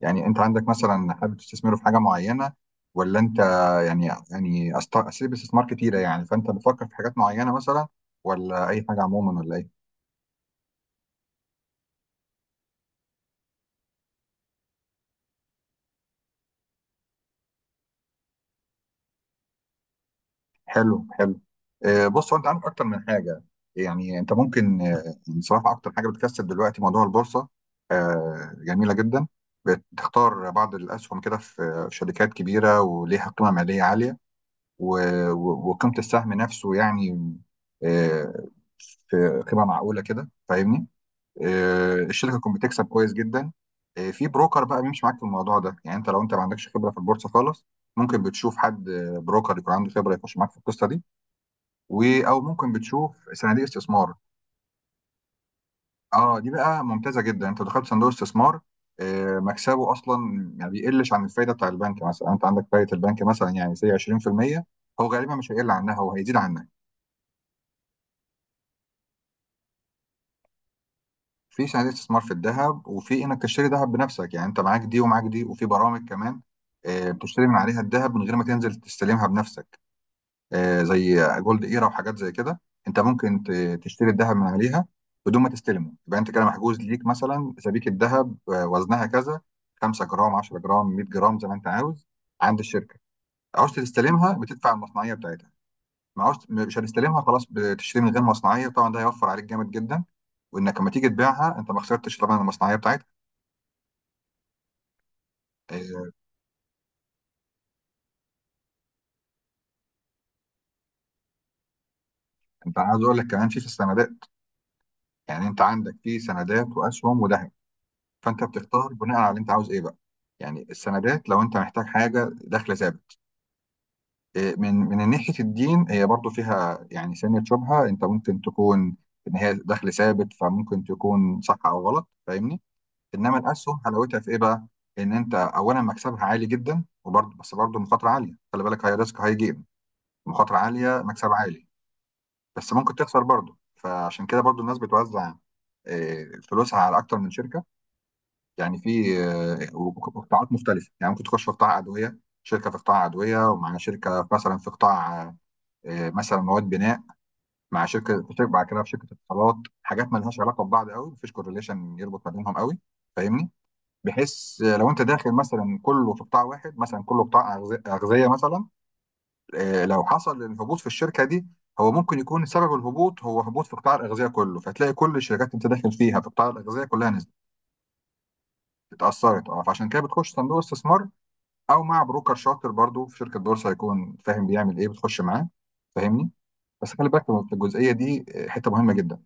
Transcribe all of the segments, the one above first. يعني انت عندك مثلا حابب تستثمره في حاجه معينه، ولا انت اساليب استثمار كتيره، يعني فانت بتفكر في حاجات معينه مثلا، ولا اي حاجه عموما ولا ايه؟ حلو حلو. بص، هو انت عندك اكتر من حاجه. يعني انت ممكن، بصراحه اكتر حاجه بتكسب دلوقتي موضوع البورصه، جميله جدا. بتختار بعض الاسهم كده في شركات كبيره وليها قيمه ماليه عاليه، وقيمه السهم نفسه يعني، آه، في قيمه معقوله كده، فاهمني؟ الشركه تكون بتكسب كويس جدا. في بروكر بقى بيمشي معاك في الموضوع ده، يعني انت لو ما عندكش خبره في البورصه خالص، ممكن بتشوف حد، بروكر يكون عنده خبره يخش معاك في القصه دي، او ممكن بتشوف صناديق استثمار. اه، دي بقى ممتازه جدا، انت دخلت صندوق استثمار، مكسبه اصلا. يعني بيقلش عن الفايده بتاع البنك، مثلا انت عندك فايده البنك مثلا يعني سي 20%، هو غالبا مش هيقل عنها، هو هيزيد عنها. في صناديق استثمار في الذهب، وفي انك تشتري ذهب بنفسك، يعني انت معاك دي ومعاك دي، وفي برامج كمان، بتشتري من عليها الذهب من غير ما تنزل تستلمها بنفسك، زي جولد ايرا وحاجات زي كده. انت ممكن ت- تشتري الذهب من عليها بدون ما تستلمه، يبقى انت كده محجوز ليك مثلا سبيكة ذهب، وزنها كذا، 5 جرام، 10 جرام، 100 جرام، زي ما انت عاوز، عند الشركة. عاوز تستلمها بتدفع المصنعية بتاعتها، معوش مش هتستلمها خلاص، بتشتري من غير مصنعيه، طبعا ده هيوفر عليك جامد جدا، وانك لما تيجي تبيعها انت ما خسرتش طبعا المصنعيه بتاعتها. آه، انت عايز اقول لك كمان في السندات، يعني انت عندك في سندات واسهم وذهب، فانت بتختار بناء على اللي انت عاوز ايه بقى. يعني السندات لو انت محتاج حاجه دخل ثابت، من ناحيه الدين، هي برضو فيها يعني سنه شبهه، انت ممكن تكون ان هي دخل ثابت، فممكن تكون صح او غلط، فاهمني؟ انما الاسهم حلاوتها في ايه بقى؟ ان انت اولا مكسبها عالي جدا، وبرضه بس برضه مخاطره عاليه، خلي بالك، هاي ريسك هاي جيم، مخاطره عاليه مكسب عالي، بس ممكن تخسر برضه. فعشان كده برضه الناس بتوزع، آه، فلوسها على اكتر من شركه، يعني في، قطاعات مختلفه، يعني ممكن تخش في قطاع ادويه، شركه في قطاع ادويه، ومع شركه مثلا في قطاع، مثلا مواد بناء، مع شركه، في شركه بعد كده في شركه اتصالات، حاجات ما لهاش علاقه ببعض قوي، مفيش كورليشن يربط ما بينهم قوي، فاهمني؟ بحيث لو انت داخل مثلا كله في قطاع واحد، مثلا كله قطاع اغذيه مثلا، لو حصل الهبوط في الشركه دي، هو ممكن يكون سبب الهبوط هو هبوط في قطاع الاغذيه كله، فتلاقي كل الشركات انت داخل فيها في قطاع الاغذيه كلها نزلت، اتاثرت. اه، فعشان كده بتخش صندوق استثمار، او مع بروكر شاطر برضو في شركه بورصه، هيكون فاهم بيعمل ايه، بتخش معاه، فاهمني؟ بس خلي بالك في الجزئيه دي، حته مهمه جدا،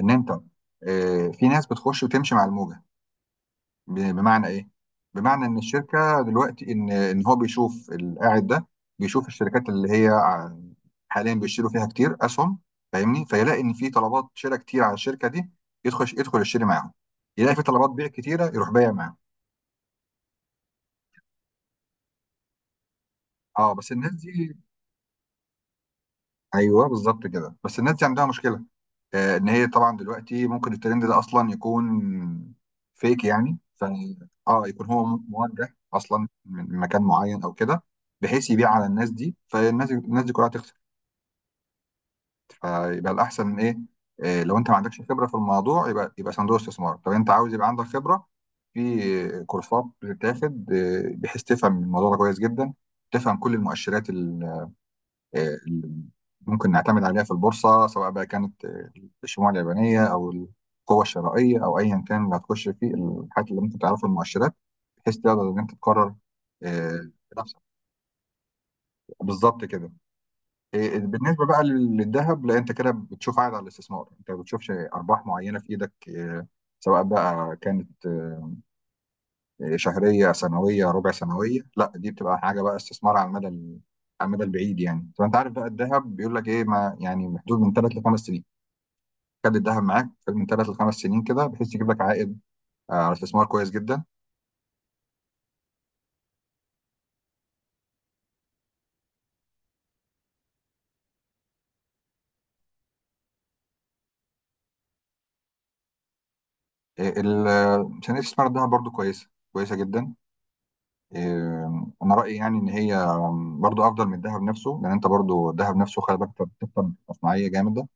ان انت، في ناس بتخش وتمشي مع الموجه. بمعنى ايه؟ بمعنى ان الشركه دلوقتي، ان هو بيشوف القاعد ده، بيشوف الشركات حاليا بيشتروا فيها كتير اسهم، فاهمني؟ فيلاقي ان في طلبات شراء كتير على الشركه دي، يدخل يشتري معاهم، يلاقي في طلبات بيع كتيره، يروح بايع معاهم. اه، بس الناس دي، ايوه بالظبط كده، بس الناس دي عندها مشكله، ان هي طبعا دلوقتي ممكن الترند ده اصلا يكون فيك، يعني. اه، يكون هو موجه اصلا من مكان معين او كده، بحيث يبيع على الناس دي، فالناس دي كلها تخسر. فيبقى الاحسن ايه؟ لو انت ما عندكش خبره في الموضوع يبقى صندوق استثمار. طب انت عاوز يبقى عندك خبره، في كورسات بتتاخد، بحيث تفهم الموضوع ده كويس جدا، تفهم كل المؤشرات، اللي ممكن نعتمد عليها في البورصة، سواء بقى كانت، الشموع اليابانية أو القوة الشرائية أو أيا كان اللي هتخش فيه، الحاجات اللي ممكن تعرفها المؤشرات، بحيث تقدر إن أنت تقرر، آه، بنفسك. بالظبط كده. بالنسبة بقى للذهب، لا أنت كده بتشوف عائد على الاستثمار، أنت ما بتشوفش أرباح معينة في إيدك، سواء بقى كانت، شهريه سنويه ربع سنويه، لا دي بتبقى حاجه بقى استثمار على المدى على المدى البعيد. يعني طب انت عارف بقى الذهب بيقول لك ايه، ما يعني محدود من ثلاث لخمس سنين، خد الذهب معاك، خد من ثلاث لخمس سنين كده، بحيث يجيب لك عائد، على استثمار كويس جدا. صناديق استثمار الذهب برضو كويسه جدا، إيه، انا رايي يعني ان هي برضو افضل من الذهب نفسه، لان انت برضو الذهب نفسه خلي بالك انت بتكسب مصنعيه جامده،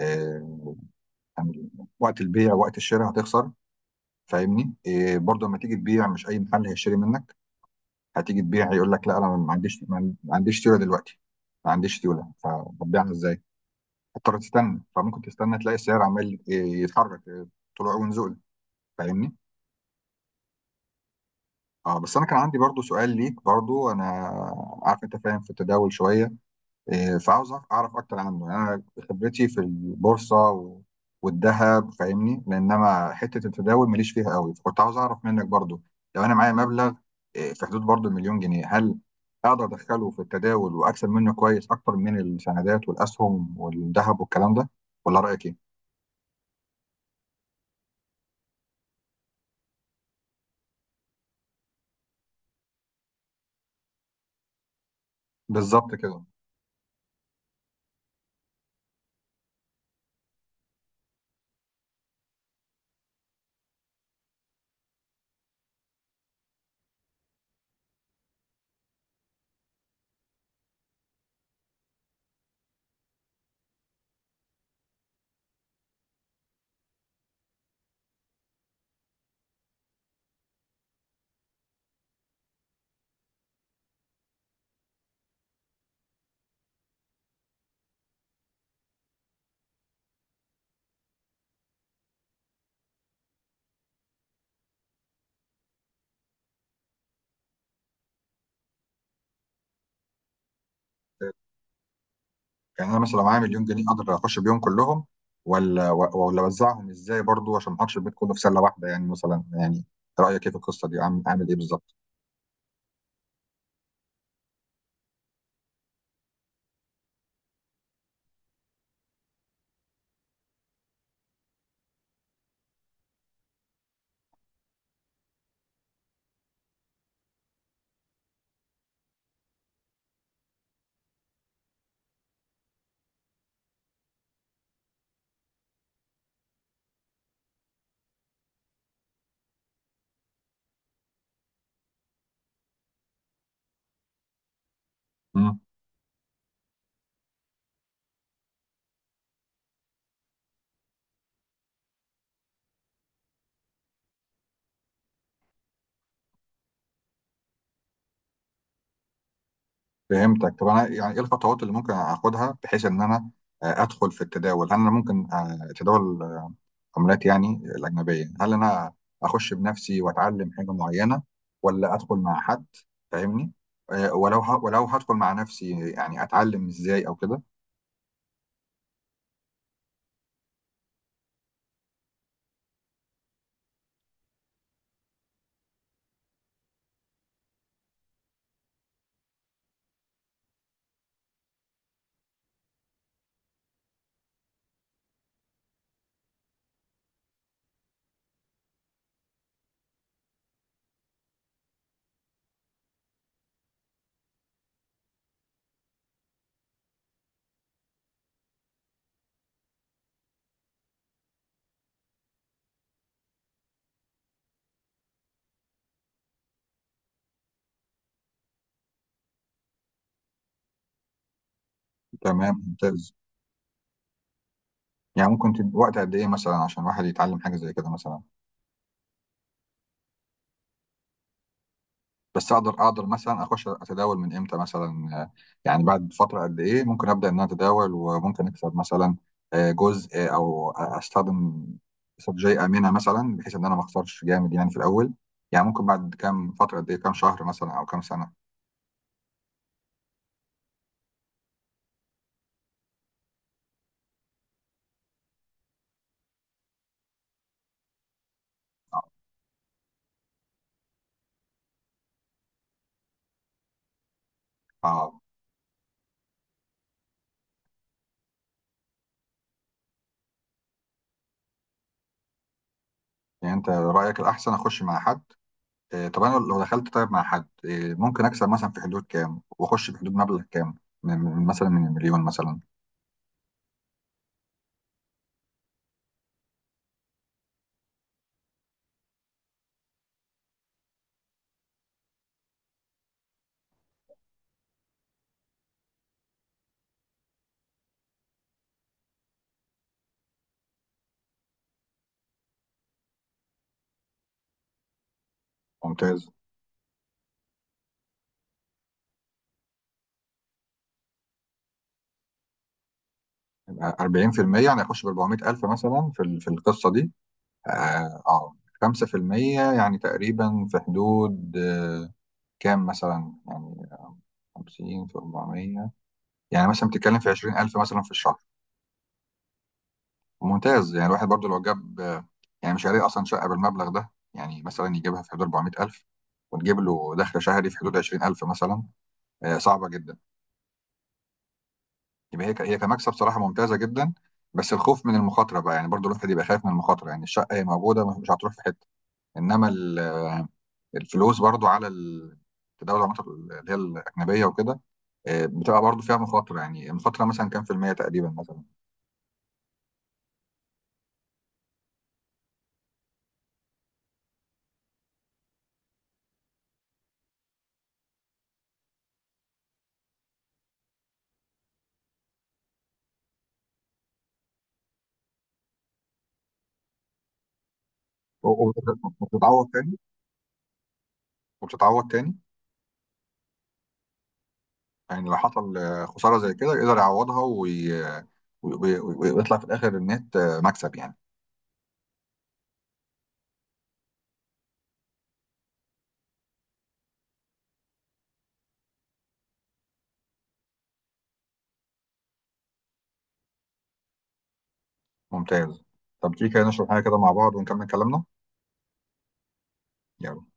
إيه، يعني وقت البيع وقت الشراء هتخسر، فاهمني؟ برضه لما تيجي تبيع مش اي محل هيشتري منك، هتيجي تبيع يقول لك لا، انا ما عنديش سيوله دلوقتي، ما عنديش سيوله، فببيعها ازاي؟ هتضطر تستنى، فممكن تستنى تلاقي السعر عمال يتحرك، طلوع ونزول، فاهمني؟ اه، بس انا كان عندي برضه سؤال ليك، برضه انا عارف انت فاهم في التداول شويه، فعاوز اعرف اكتر عنه، يعني انا خبرتي في البورصه والذهب، فاهمني؟ لانما حته التداول ماليش فيها قوي، فكنت عاوز اعرف منك برضو، لو انا معايا مبلغ، في حدود برضو مليون جنيه، هل اقدر ادخله في التداول واكسب منه كويس اكتر من السندات والاسهم والذهب والكلام ده، ولا رايك ايه؟ بالظبط كده. يعني انا مثلا لو معايا مليون جنيه اقدر اخش بيهم كلهم، ولا اوزعهم ازاي برضو عشان ما احطش البيت كله في سله واحده، يعني مثلا، يعني رايك ايه في القصه دي، عامل ايه بالظبط؟ فهمتك. طب انا يعني ايه الخطوات اللي ممكن اخدها بحيث ان انا، ادخل في التداول، هل انا ممكن، اتداول عملات يعني الاجنبيه، هل انا اخش بنفسي واتعلم حاجه معينه، ولا ادخل مع حد، فاهمني؟ ولو هدخل مع نفسي، يعني اتعلم ازاي او كده. تمام، ممتاز. يعني ممكن وقت قد ايه مثلا عشان واحد يتعلم حاجه زي كده مثلا؟ بس اقدر مثلا اخش اتداول من امتى مثلا، يعني بعد فتره قد ايه ممكن ابدا ان انا اتداول، وممكن اكسب مثلا، جزء، او استخدم استراتيجيه امنه مثلا، بحيث ان انا ما اخسرش جامد يعني في الاول. يعني ممكن بعد كام فتره، قد ايه، كام شهر مثلا او كام سنه؟ اه. آه، يعني انت رايك الاحسن اخش مع حد، طب انا لو دخلت طيب مع حد، ممكن اكسب مثلا في حدود كام، واخش في حدود مبلغ كام، مثلا من مليون مثلا؟ ممتاز. 40%، يعني اخش ب 400,000 مثلا في القصه دي. اه، آه. 5%، يعني تقريبا في حدود، كام مثلا يعني؟ 50 في 400، يعني مثلا بتتكلم في 20,000 مثلا في الشهر. ممتاز. يعني الواحد برضو لو جاب، يعني مش هيلاقي اصلا شقه بالمبلغ ده، يعني مثلا يجيبها في حدود 400,000، وتجيب له دخل شهري في حدود 20,000 مثلا، صعبه جدا. يبقى هي هي كمكسب صراحه ممتازه جدا، بس الخوف من المخاطره بقى، يعني برضو الواحد يبقى خايف من المخاطره، يعني الشقه هي موجوده مش هتروح في حته، انما الفلوس برضو على التداول، العملات اللي هي الاجنبيه وكده، بتبقى برضو فيها مخاطره، يعني المخاطره مثلا كام في المية تقريبا مثلا؟ و- و- وبتتعوض تاني؟ وبتتعوض تاني. يعني لو حصل، خساره زي كده يقدر يعوضها، ويطلع في الاخر النت، مكسب يعني؟ ممتاز. طب تيجي كده نشرب حاجه كده مع بعض ونكمل كلامنا؟ يلا.